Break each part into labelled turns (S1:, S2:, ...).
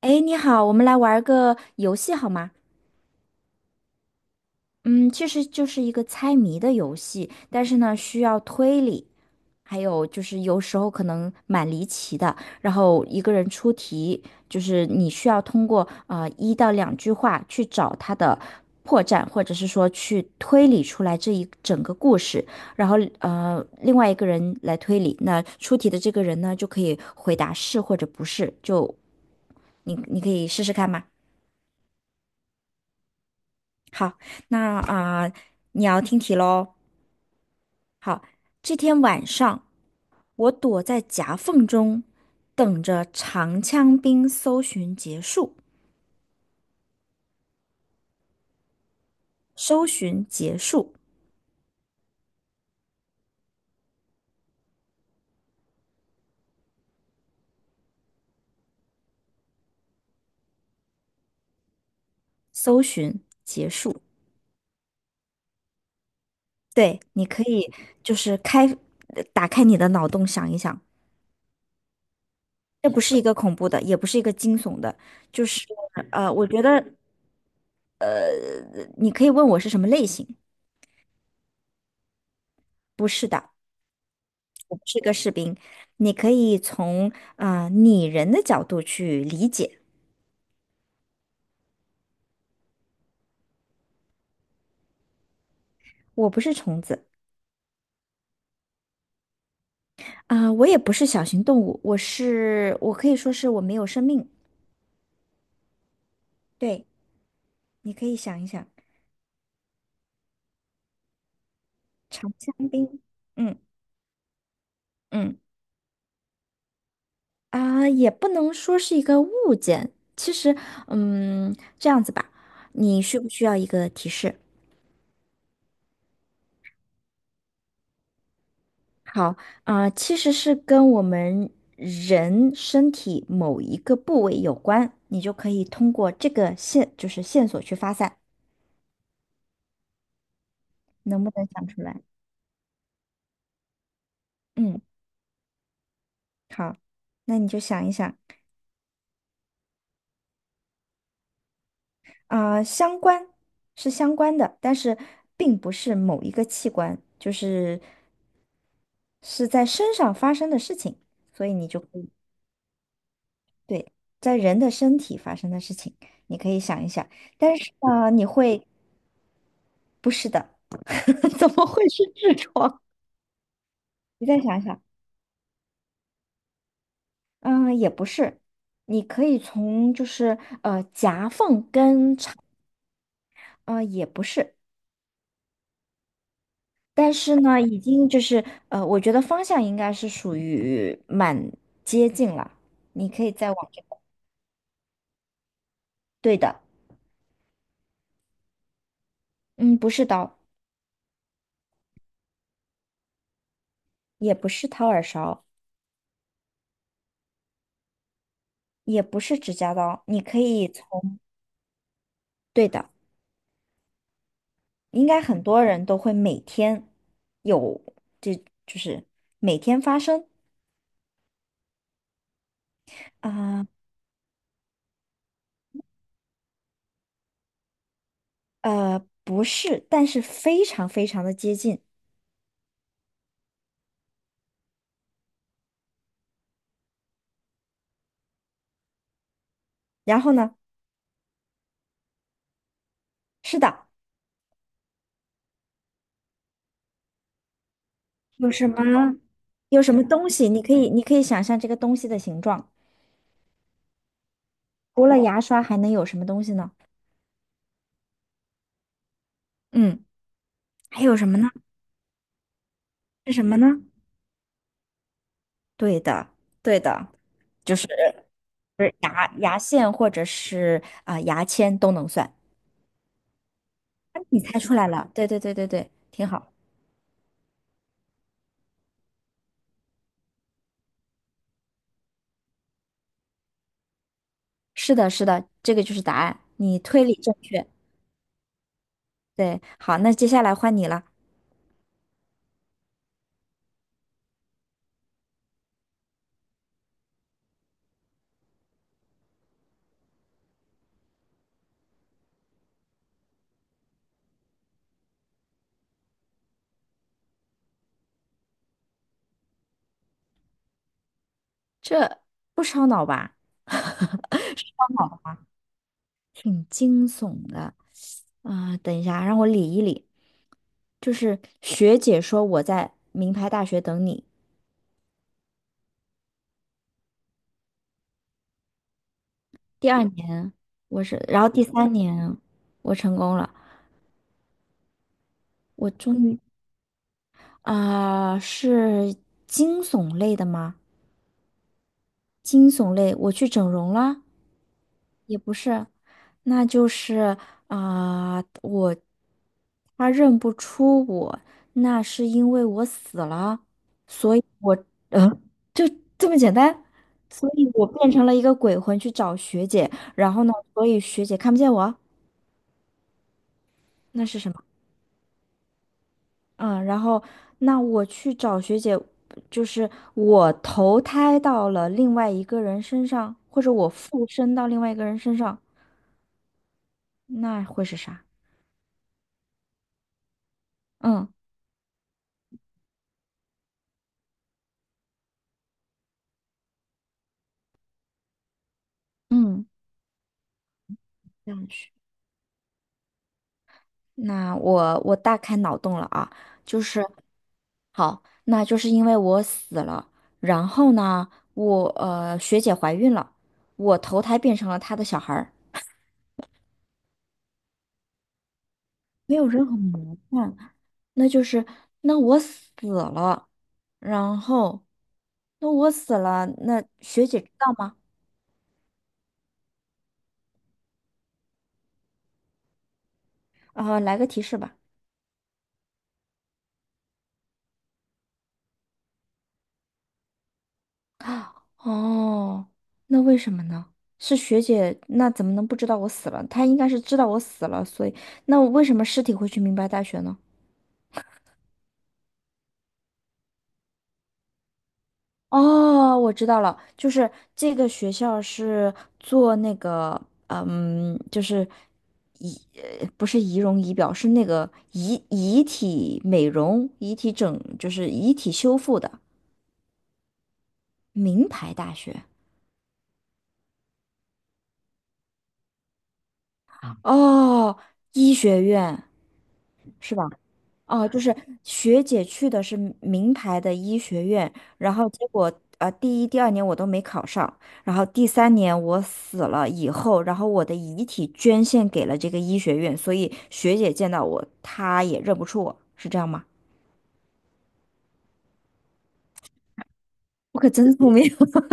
S1: 哎，你好，我们来玩儿个游戏好吗？嗯，其实就是一个猜谜的游戏，但是呢，需要推理，还有就是有时候可能蛮离奇的。然后一个人出题，就是你需要通过一到两句话去找他的破绽，或者是说去推理出来这一整个故事。然后另外一个人来推理，那出题的这个人呢，就可以回答是或者不是。就你可以试试看吗？好，那啊、你要听题喽。好，这天晚上，我躲在夹缝中，等着长枪兵搜寻结束，搜寻结束，搜寻结束。对，你可以就是开，呃打开你的脑洞想一想，这不是一个恐怖的，也不是一个惊悚的，就是呃，我觉得呃你可以问我是什么类型，不是的，你可以从拟人的角度去理解。我不是虫子。我也不是小型动物，我是，我可以说是我没有生命。对，你可以想一想。长香槟，嗯嗯也不能说是一个物件。其实，这样子吧，你需不需要一个提示？好。其实是跟我们人身体某一个部位有关，你就可以通过这个线，就是线索去发散，能不能想出来？嗯，好，那你就想一想。相关是相关的，但是并不是某一个器官，就是是在身上发生的事情，所以你就可以对。在人的身体发生的事情，你可以想一想。但是呢，你会不是的。怎么会是痔疮？你再想一想。嗯、也不是，你可以从夹缝跟肠，呃，也不是。但是呢，已经就是我觉得方向应该是属于蛮接近了。你可以再往这个对的，嗯，不是刀，也不是掏耳勺，也不是指甲刀，你可以从，对的，应该很多人都会每天有，这就是每天发生。啊，呃，不是，但是非常的接近。然后呢，是的，有什么有什么东西，你可以想象这个东西的形状。除了牙刷还能有什么东西呢？嗯，还有什么呢？是什么呢？对的，对的。就是就是牙线或者是牙签都能算。你猜出来了，对，挺好。是的，这个就是答案，你推理正确。对，好，那接下来换你了。这不烧脑吧？哦，挺惊悚的。等一下，让我理一理。就是学姐说我在名牌大学等你，第二年我是，然后第三年我成功了，我终于。是惊悚类的吗？惊悚类，我去整容了，也不是，那就是。我他认不出我，那是因为我死了。嗯，就这么简单。所以我变成了一个鬼魂去找学姐，然后呢，所以学姐看不见我，那是什么？嗯，然后那我去找学姐，就是我投胎到了另外一个人身上，或者我附身到另外一个人身上，那会是啥？嗯嗯，这样去。那我大开脑洞了啊，就是好，那就是因为我死了，然后呢，我学姐怀孕了，我投胎变成了她的小孩儿，没有任何魔幻。那就是那我死了，然后那我死了，那学姐知道吗？来个提示吧。啊，哦，那为什么呢？是学姐，那怎么能不知道我死了？她应该是知道我死了，所以那我为什么尸体会去明白大学呢？哦，我知道了，就是这个学校是做那个，嗯，就是仪，不是仪容仪表，是那个遗体美容、遗体整，就是遗体修复的名牌大学。哦，医学院是吧？哦，就是学姐去的是名牌的医学院，然后结果第一、第二年我都没考上，然后第三年我死了以后，然后我的遗体捐献给了这个医学院，所以学姐见到我，她也认不出我，是这样吗？我可真聪明。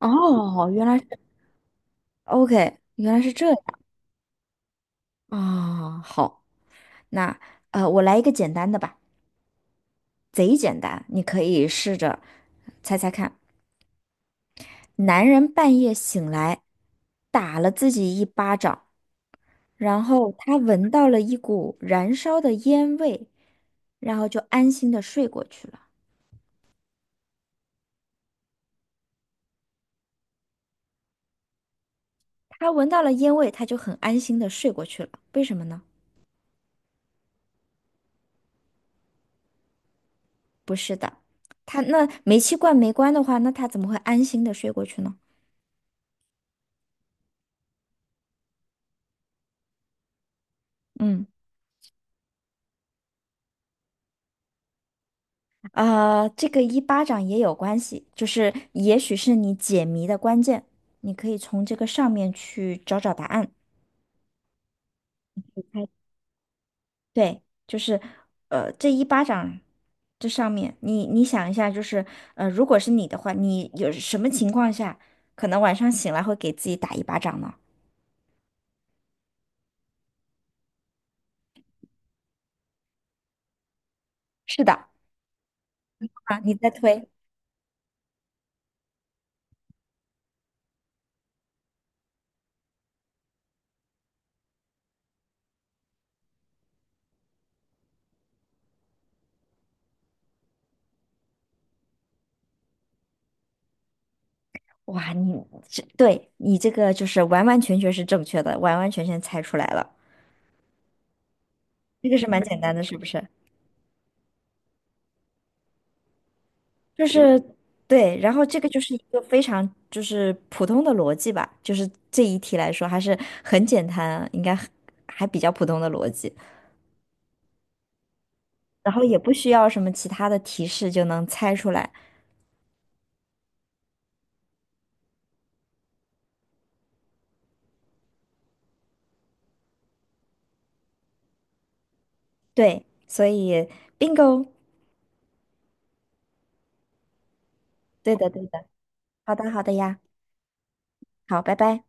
S1: 哦，原来是 OK，原来是这样。啊，好，那我来一个简单的吧，贼简单，你可以试着猜猜看。男人半夜醒来，打了自己一巴掌，然后他闻到了一股燃烧的烟味，然后就安心的睡过去了。他闻到了烟味，他就很安心的睡过去了。为什么呢？不是的，他那煤气罐没关的话，那他怎么会安心的睡过去呢？嗯。啊，这个一巴掌也有关系，就是也许是你解谜的关键，你可以从这个上面去找找答案。对，就是这一巴掌这上面，你你想一下，就是如果是你的话，你有什么情况下可能晚上醒来会给自己打一巴掌呢？是的，啊，你在推。哇，你这对你这个就是完完全全是正确的，完完全全猜出来了。这个是蛮简单的，是不是？就是对，然后这个就是一个非常就是普通的逻辑吧，就是这一题来说还是很简单啊，应该很还比较普通的逻辑。然后也不需要什么其他的提示就能猜出来。对，所以 bingo。对的，对的。好的，好的呀，好，拜拜。